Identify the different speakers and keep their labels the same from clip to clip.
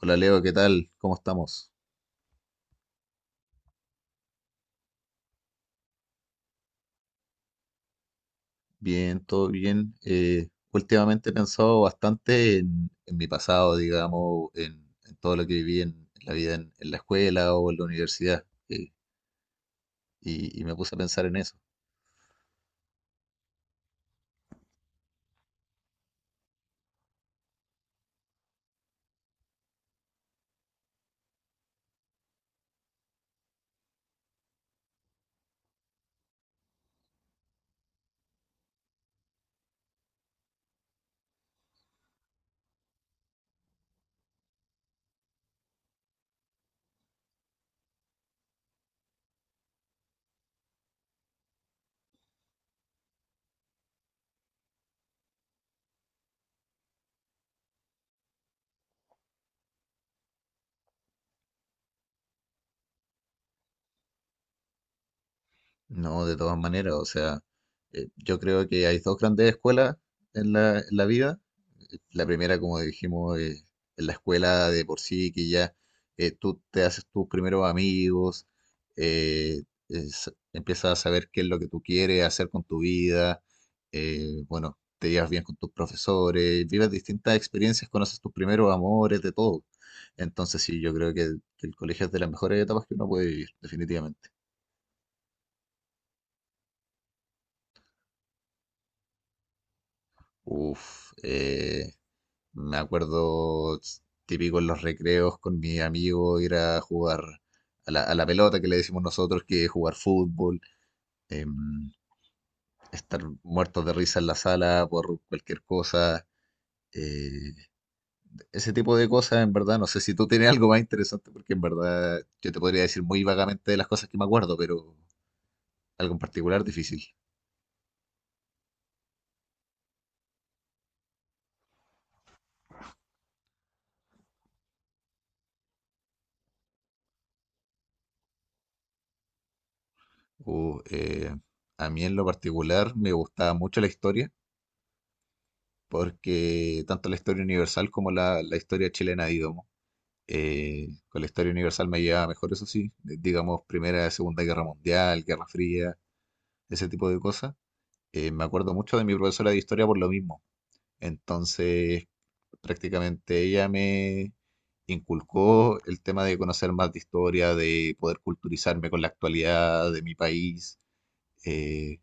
Speaker 1: Hola Leo, ¿qué tal? ¿Cómo estamos? Bien, todo bien. Últimamente he pensado bastante en mi pasado, digamos, en todo lo que viví en la vida en la escuela o en la universidad, y me puse a pensar en eso. No, de todas maneras, o sea, yo creo que hay dos grandes escuelas en la vida. La primera, como dijimos, es la escuela de por sí, que ya tú te haces tus primeros amigos, eh, empiezas a saber qué es lo que tú quieres hacer con tu vida, bueno, te llevas bien con tus profesores, vives distintas experiencias, conoces tus primeros amores, de todo. Entonces, sí, yo creo que el colegio es de las mejores etapas que uno puede vivir, definitivamente. Uf, me acuerdo típico en los recreos con mi amigo ir a jugar a la pelota que le decimos nosotros que es jugar fútbol, em, estar muertos de risa en la sala por cualquier cosa, eh, ese tipo de cosas, en verdad. No sé si tú tienes algo más interesante, porque en verdad yo te podría decir muy vagamente de las cosas que me acuerdo, pero algo en particular difícil. Uh, eh, a mí en lo particular me gustaba mucho la historia porque tanto la historia universal como la historia chilena, digamos, con la historia universal me llevaba mejor, eso sí. De- digamos, Primera, Segunda Guerra Mundial, Guerra Fría, ese tipo de cosas. Me acuerdo mucho de mi profesora de historia por lo mismo. Entonces, prácticamente ella me inculcó el tema de conocer más de historia, de poder culturizarme con la actualidad de mi país. eh,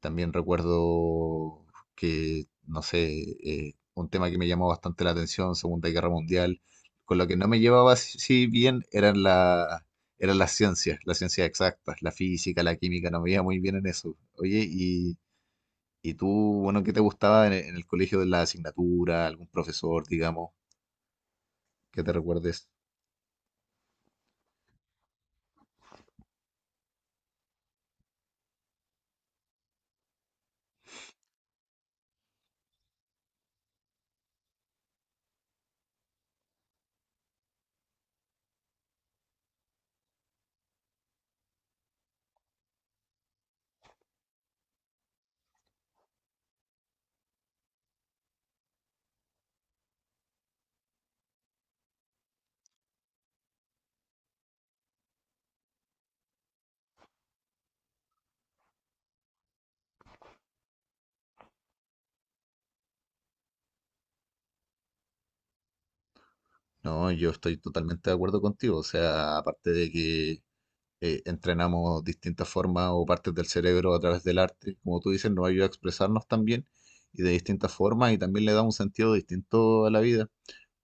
Speaker 1: También recuerdo que, no sé, un tema que me llamó bastante la atención, Segunda Guerra Mundial. Con lo que no me llevaba si bien eran eran las ciencias exactas, la física, la química, no me iba muy bien en eso. Oye, y tú, bueno, ¿qué te gustaba en el colegio de la asignatura? ¿Algún profesor, digamos, que te recuerdes? No, yo estoy totalmente de acuerdo contigo, o sea, aparte de que entrenamos distintas formas o partes del cerebro a través del arte. Como tú dices, nos ayuda a expresarnos también y de distintas formas, y también le da un sentido distinto a la vida.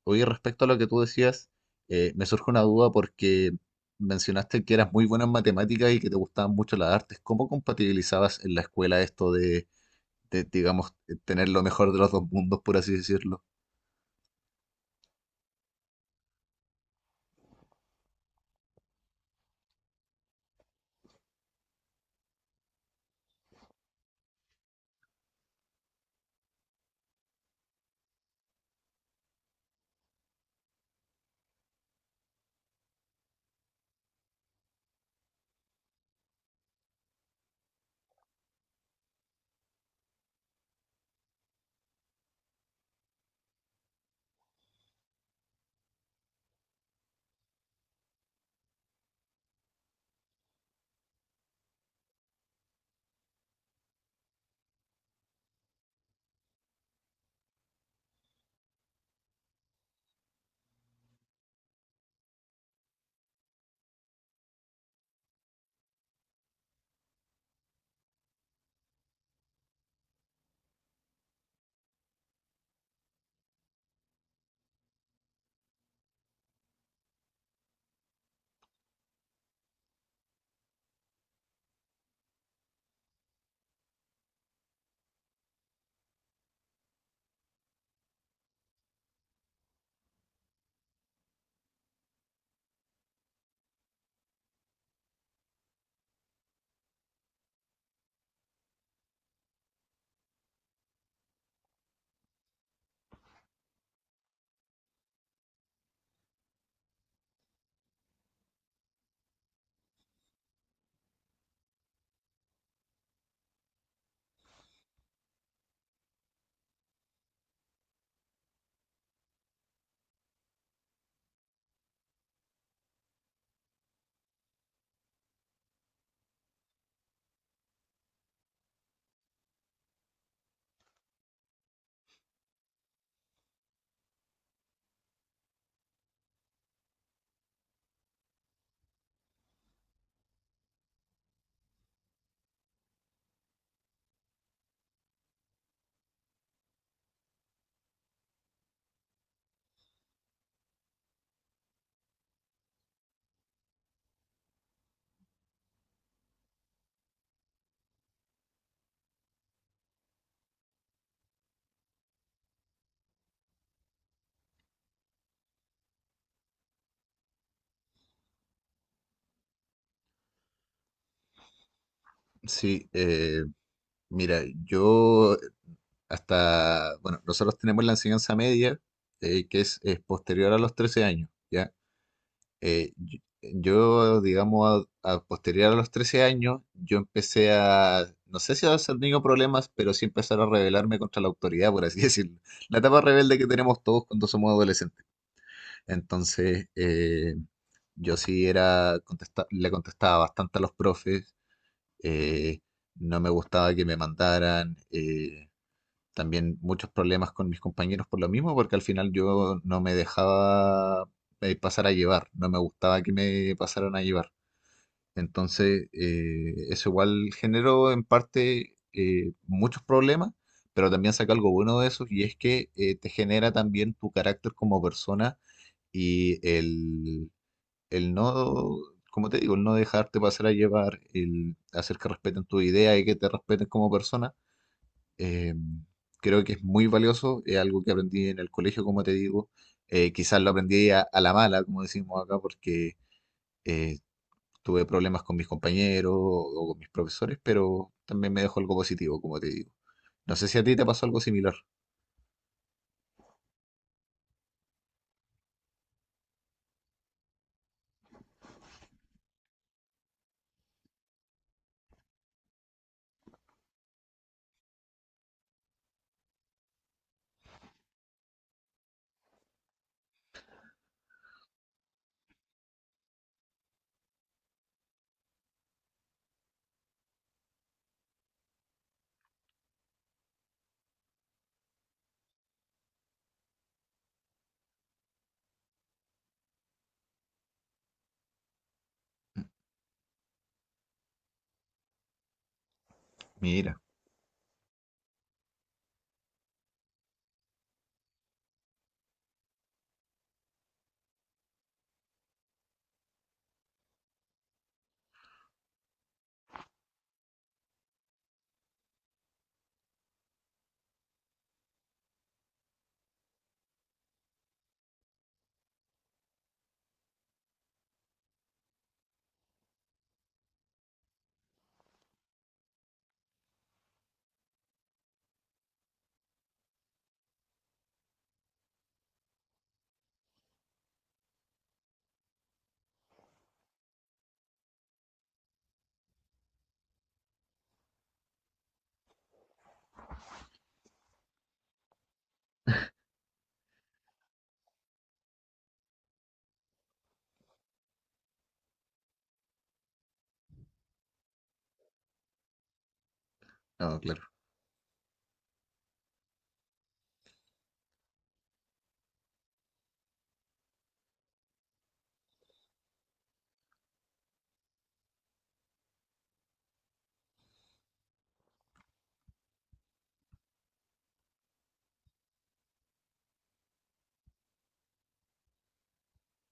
Speaker 1: Oye, respecto a lo que tú decías, me surge una duda porque mencionaste que eras muy buena en matemáticas y que te gustaban mucho las artes. ¿Cómo compatibilizabas en la escuela esto digamos, tener lo mejor de los dos mundos, por así decirlo? Sí, mira, yo hasta, bueno, nosotros tenemos la enseñanza media, que es posterior a los 13 años, ¿ya? Eh, yo, yo, digamos, a posterior a los 13 años, yo empecé a, no sé si a ser niño problemas, pero sí empezar a rebelarme contra la autoridad, por así decirlo. La etapa rebelde que tenemos todos cuando somos adolescentes. Entonces, yo sí era, le contestaba bastante a los profes, eh, no me gustaba que me mandaran. También muchos problemas con mis compañeros por lo mismo, porque al final yo no me dejaba pasar a llevar, no me gustaba que me pasaran a llevar. Entonces, eso igual generó en parte muchos problemas, pero también saca algo bueno de eso, y es que te genera también tu carácter como persona. Y el no, como te digo, el no dejarte pasar a llevar, el hacer que respeten tu idea y que te respeten como persona, eh, creo que es muy valioso, es algo que aprendí en el colegio, como te digo. Quizás lo aprendí a la mala, como decimos acá, porque eh, tuve problemas con mis compañeros o con mis profesores, pero también me dejó algo positivo, como te digo. No sé si a ti te pasó algo similar. Mira, no, claro.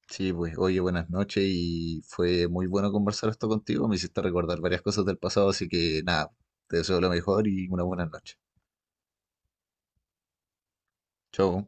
Speaker 1: Sí, pues, oye, buenas noches y fue muy bueno conversar esto contigo. Me hiciste recordar varias cosas del pasado, así que nada, te deseo lo mejor y una buena noche. Chau.